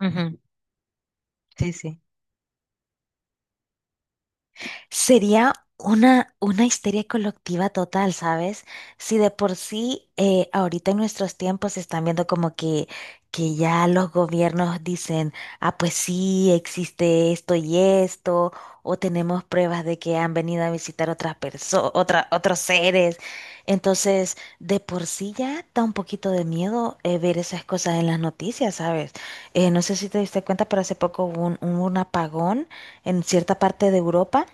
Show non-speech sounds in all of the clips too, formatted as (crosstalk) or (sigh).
Ujú. Sí, sí. Sería una histeria colectiva total, ¿sabes? Si de por sí ahorita en nuestros tiempos se están viendo como que ya los gobiernos dicen, ah, pues sí, existe esto y esto, o tenemos pruebas de que han venido a visitar otras personas, otros seres. Entonces, de por sí ya da un poquito de miedo ver esas cosas en las noticias, ¿sabes? No sé si te diste cuenta, pero hace poco hubo un apagón en cierta parte de Europa.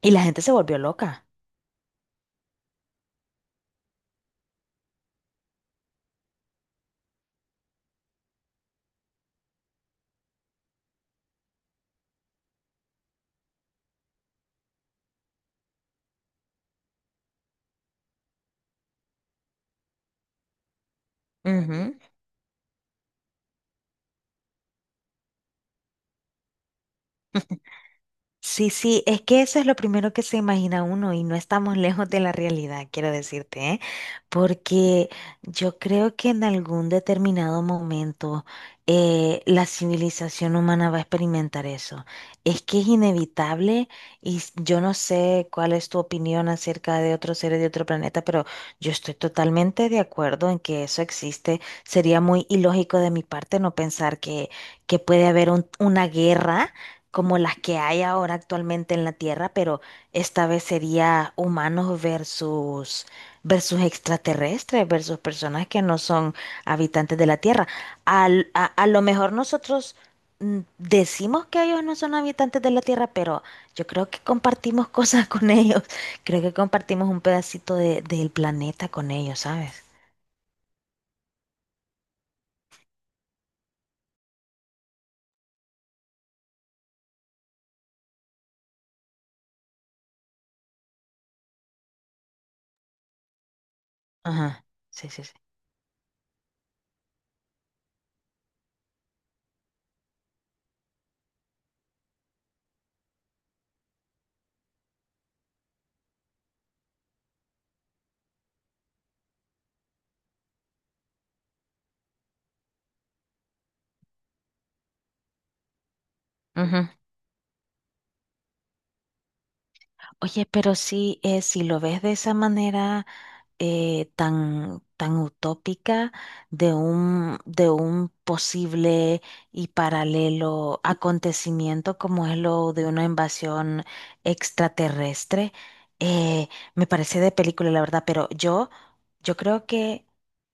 Y la gente se volvió loca. Ujú. Sí, sí, es que eso es lo primero que se imagina uno y no estamos (laughs) lejos de la realidad, quiero decirte, ¿eh? Porque yo creo que en algún determinado momento la civilización humana va a experimentar eso. Es que es inevitable y yo no sé cuál es tu opinión acerca de otros seres de otro planeta, pero yo estoy totalmente de acuerdo en que eso existe. Sería muy ilógico de mi parte no pensar que puede haber una guerra como las que hay ahora actualmente en la Tierra, pero esta vez sería humanos versus versus extraterrestres, versus personas que no son habitantes de la Tierra. A lo mejor nosotros decimos que ellos no son habitantes de la Tierra, pero yo creo que compartimos cosas (laughs) con ellos. Creo que compartimos un pedacito del planeta con ellos, ¿sabes? Ajá. Sí, sí, sí. Ujú. Oye, pero sí, si lo ves de esa manera, tan utópica de un posible y paralelo acontecimiento como es lo de una invasión extraterrestre. Eh, Me parece de película, la verdad, pero yo creo que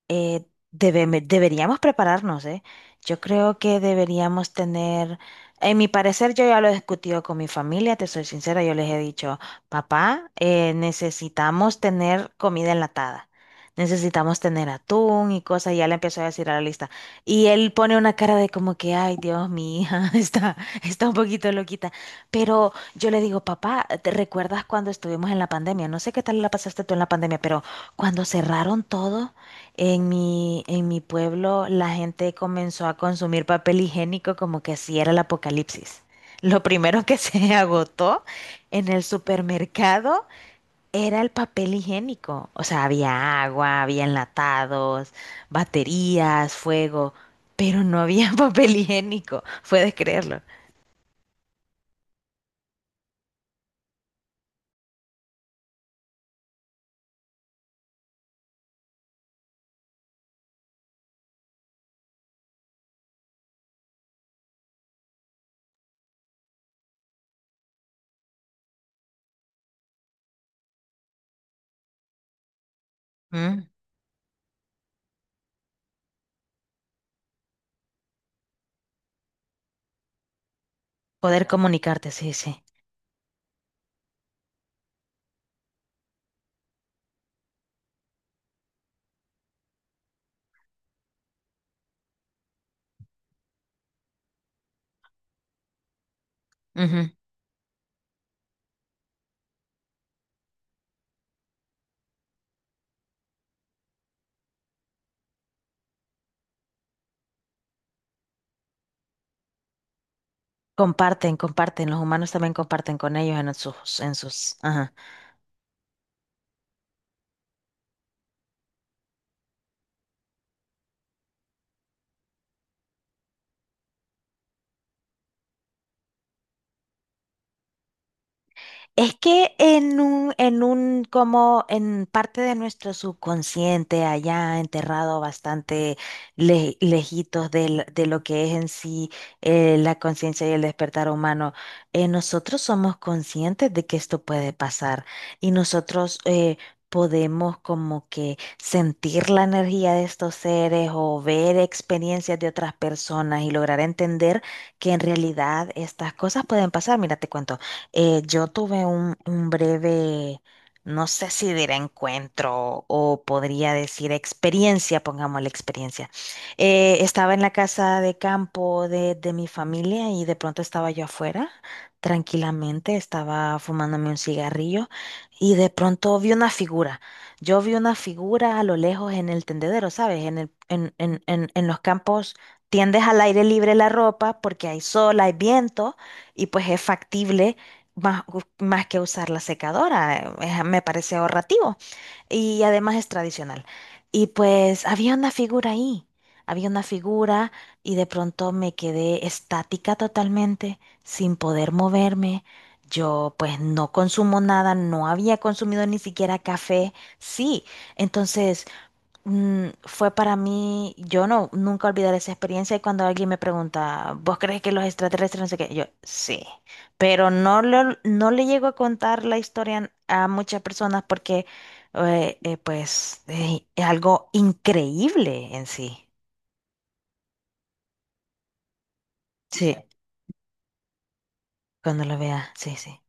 eh, deberíamos prepararnos, ¿eh? Yo creo que deberíamos tener, en mi parecer, yo ya lo he discutido con mi familia, te soy sincera, yo les he dicho. Papá, necesitamos tener comida enlatada. Necesitamos tener atún y cosas. Y ya le empiezo a decir a la lista. Y él pone una cara de como que, ay, Dios, mi hija (laughs) está, está un poquito loquita. Pero yo le digo, papá, ¿te recuerdas cuando estuvimos en la pandemia? No sé qué tal la pasaste tú en la pandemia, pero cuando cerraron todo en en mi pueblo, la gente comenzó a consumir papel higiénico como que si era el apocalipsis. Lo primero que se (laughs) agotó en el supermercado era el papel higiénico. O sea, había agua, había enlatados, baterías, fuego, pero no había (laughs) papel higiénico. Puedes creerlo. Mm. Poder comunicarte, sí, sí. Ujú. Comparten, comparten. Los humanos también comparten con ellos en en sus. Ajá. Es que en un, como en parte de nuestro subconsciente, allá enterrado bastante lejitos de lo que es en sí la conciencia y el despertar humano, nosotros somos conscientes de que esto puede pasar y nosotros podemos como que sentir la energía de estos seres o ver experiencias de otras personas y lograr entender que en realidad estas cosas pueden pasar. Mira, te cuento. Yo tuve un breve, no sé si diré encuentro o podría decir experiencia, pongamos la experiencia. Estaba en la casa de campo de mi familia y de pronto estaba yo afuera, tranquilamente, estaba fumándome un cigarrillo y de pronto vi una figura. Yo vi una figura a lo lejos en el tendedero, ¿sabes? En en los campos. Tiendes al aire libre la ropa porque hay sol, hay viento y pues es factible más, más que usar la secadora, me parece ahorrativo y además es tradicional. Y pues había una figura ahí, había una figura y de pronto me quedé estática totalmente, sin poder moverme. Yo pues no consumo nada, no había consumido ni siquiera café, sí. Entonces fue para mí, yo no, nunca olvidaré esa experiencia y cuando alguien me pregunta, ¿vos crees que los extraterrestres no sé qué? Yo, sí, pero no, no le llego a contar la historia a muchas personas porque es algo increíble en sí. Sí, cuando lo vea, sí, sí.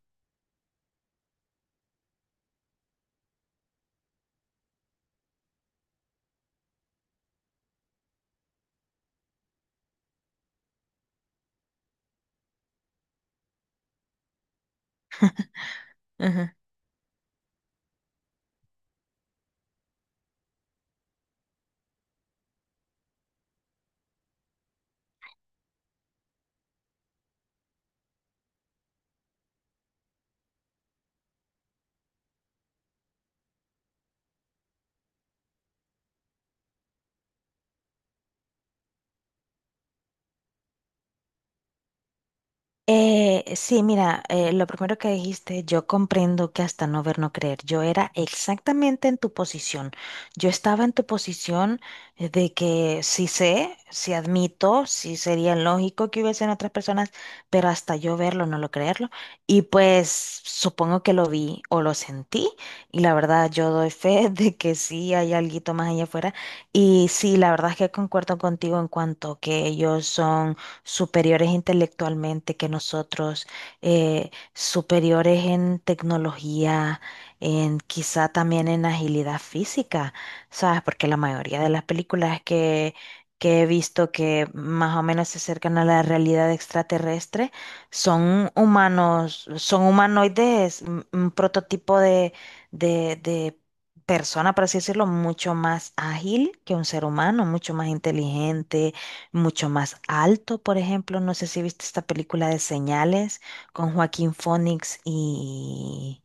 Sí, mira, lo primero que dijiste, yo comprendo que hasta no ver, no creer. Yo era exactamente en tu posición. Yo estaba en tu posición, de que sí sé, sí admito, sí sería lógico que hubiesen otras personas, pero hasta yo verlo, no lo creerlo. Y pues supongo que lo vi o lo sentí. Y la verdad, yo doy fe (laughs) de que sí hay alguito más allá afuera. Y sí, la verdad es que concuerdo contigo en cuanto que ellos son superiores intelectualmente que nosotros, superiores en tecnología, en quizá también en agilidad física, ¿sabes? Porque la mayoría de las películas que he visto que más o menos se acercan a la realidad extraterrestre son humanos, son humanoides, un prototipo de persona, por así decirlo, mucho más ágil que un ser humano, mucho más inteligente, mucho más alto, por ejemplo. No sé si viste esta película de Señales con Joaquín Phoenix y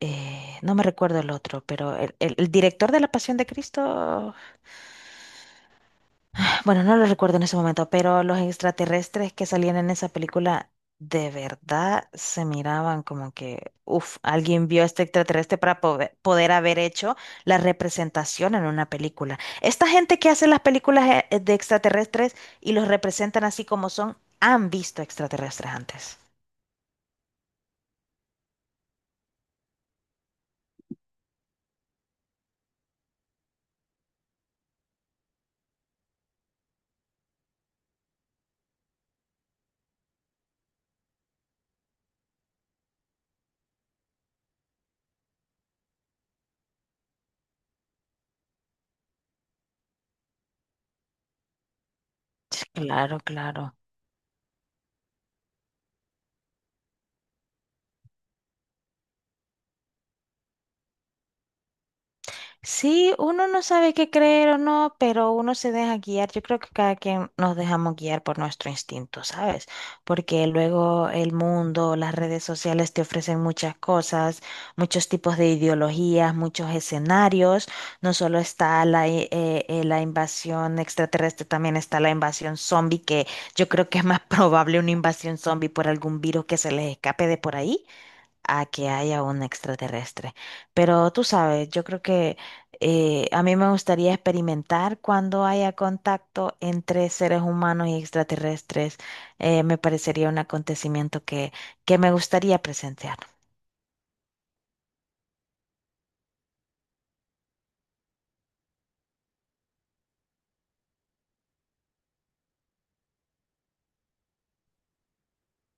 no me recuerdo el otro, pero el director de La Pasión de Cristo. Bueno, no lo recuerdo en ese momento, pero los extraterrestres que salían en esa película de verdad se miraban como que, uff, alguien vio a este extraterrestre para poder haber hecho la representación en una película. Esta gente que hace las películas de extraterrestres y los representan así como son, han visto extraterrestres antes. Claro, claro. Sí, uno no sabe qué creer o no, pero uno se deja guiar. Yo creo que cada quien nos dejamos guiar por nuestro instinto, ¿sabes? Porque luego el mundo, las redes sociales te ofrecen muchas cosas, muchos tipos de ideologías, muchos escenarios. No solo está la invasión extraterrestre, también está la invasión zombie, que yo creo que es más (laughs) probable una invasión zombie por algún virus que se les escape de por ahí a que haya un extraterrestre. Pero tú sabes, yo creo que a mí me gustaría experimentar cuando haya contacto entre seres humanos y extraterrestres. Me parecería un acontecimiento que me gustaría presenciar.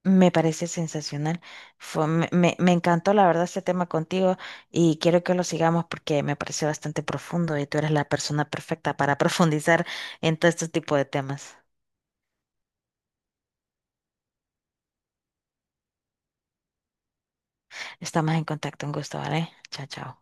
Me parece sensacional. Me encantó, la verdad, este tema contigo y quiero que lo sigamos porque me pareció bastante profundo y tú eres la persona perfecta para (laughs) profundizar en todo este tipo de temas. Estamos en contacto, un gusto, ¿vale? Chao, chao.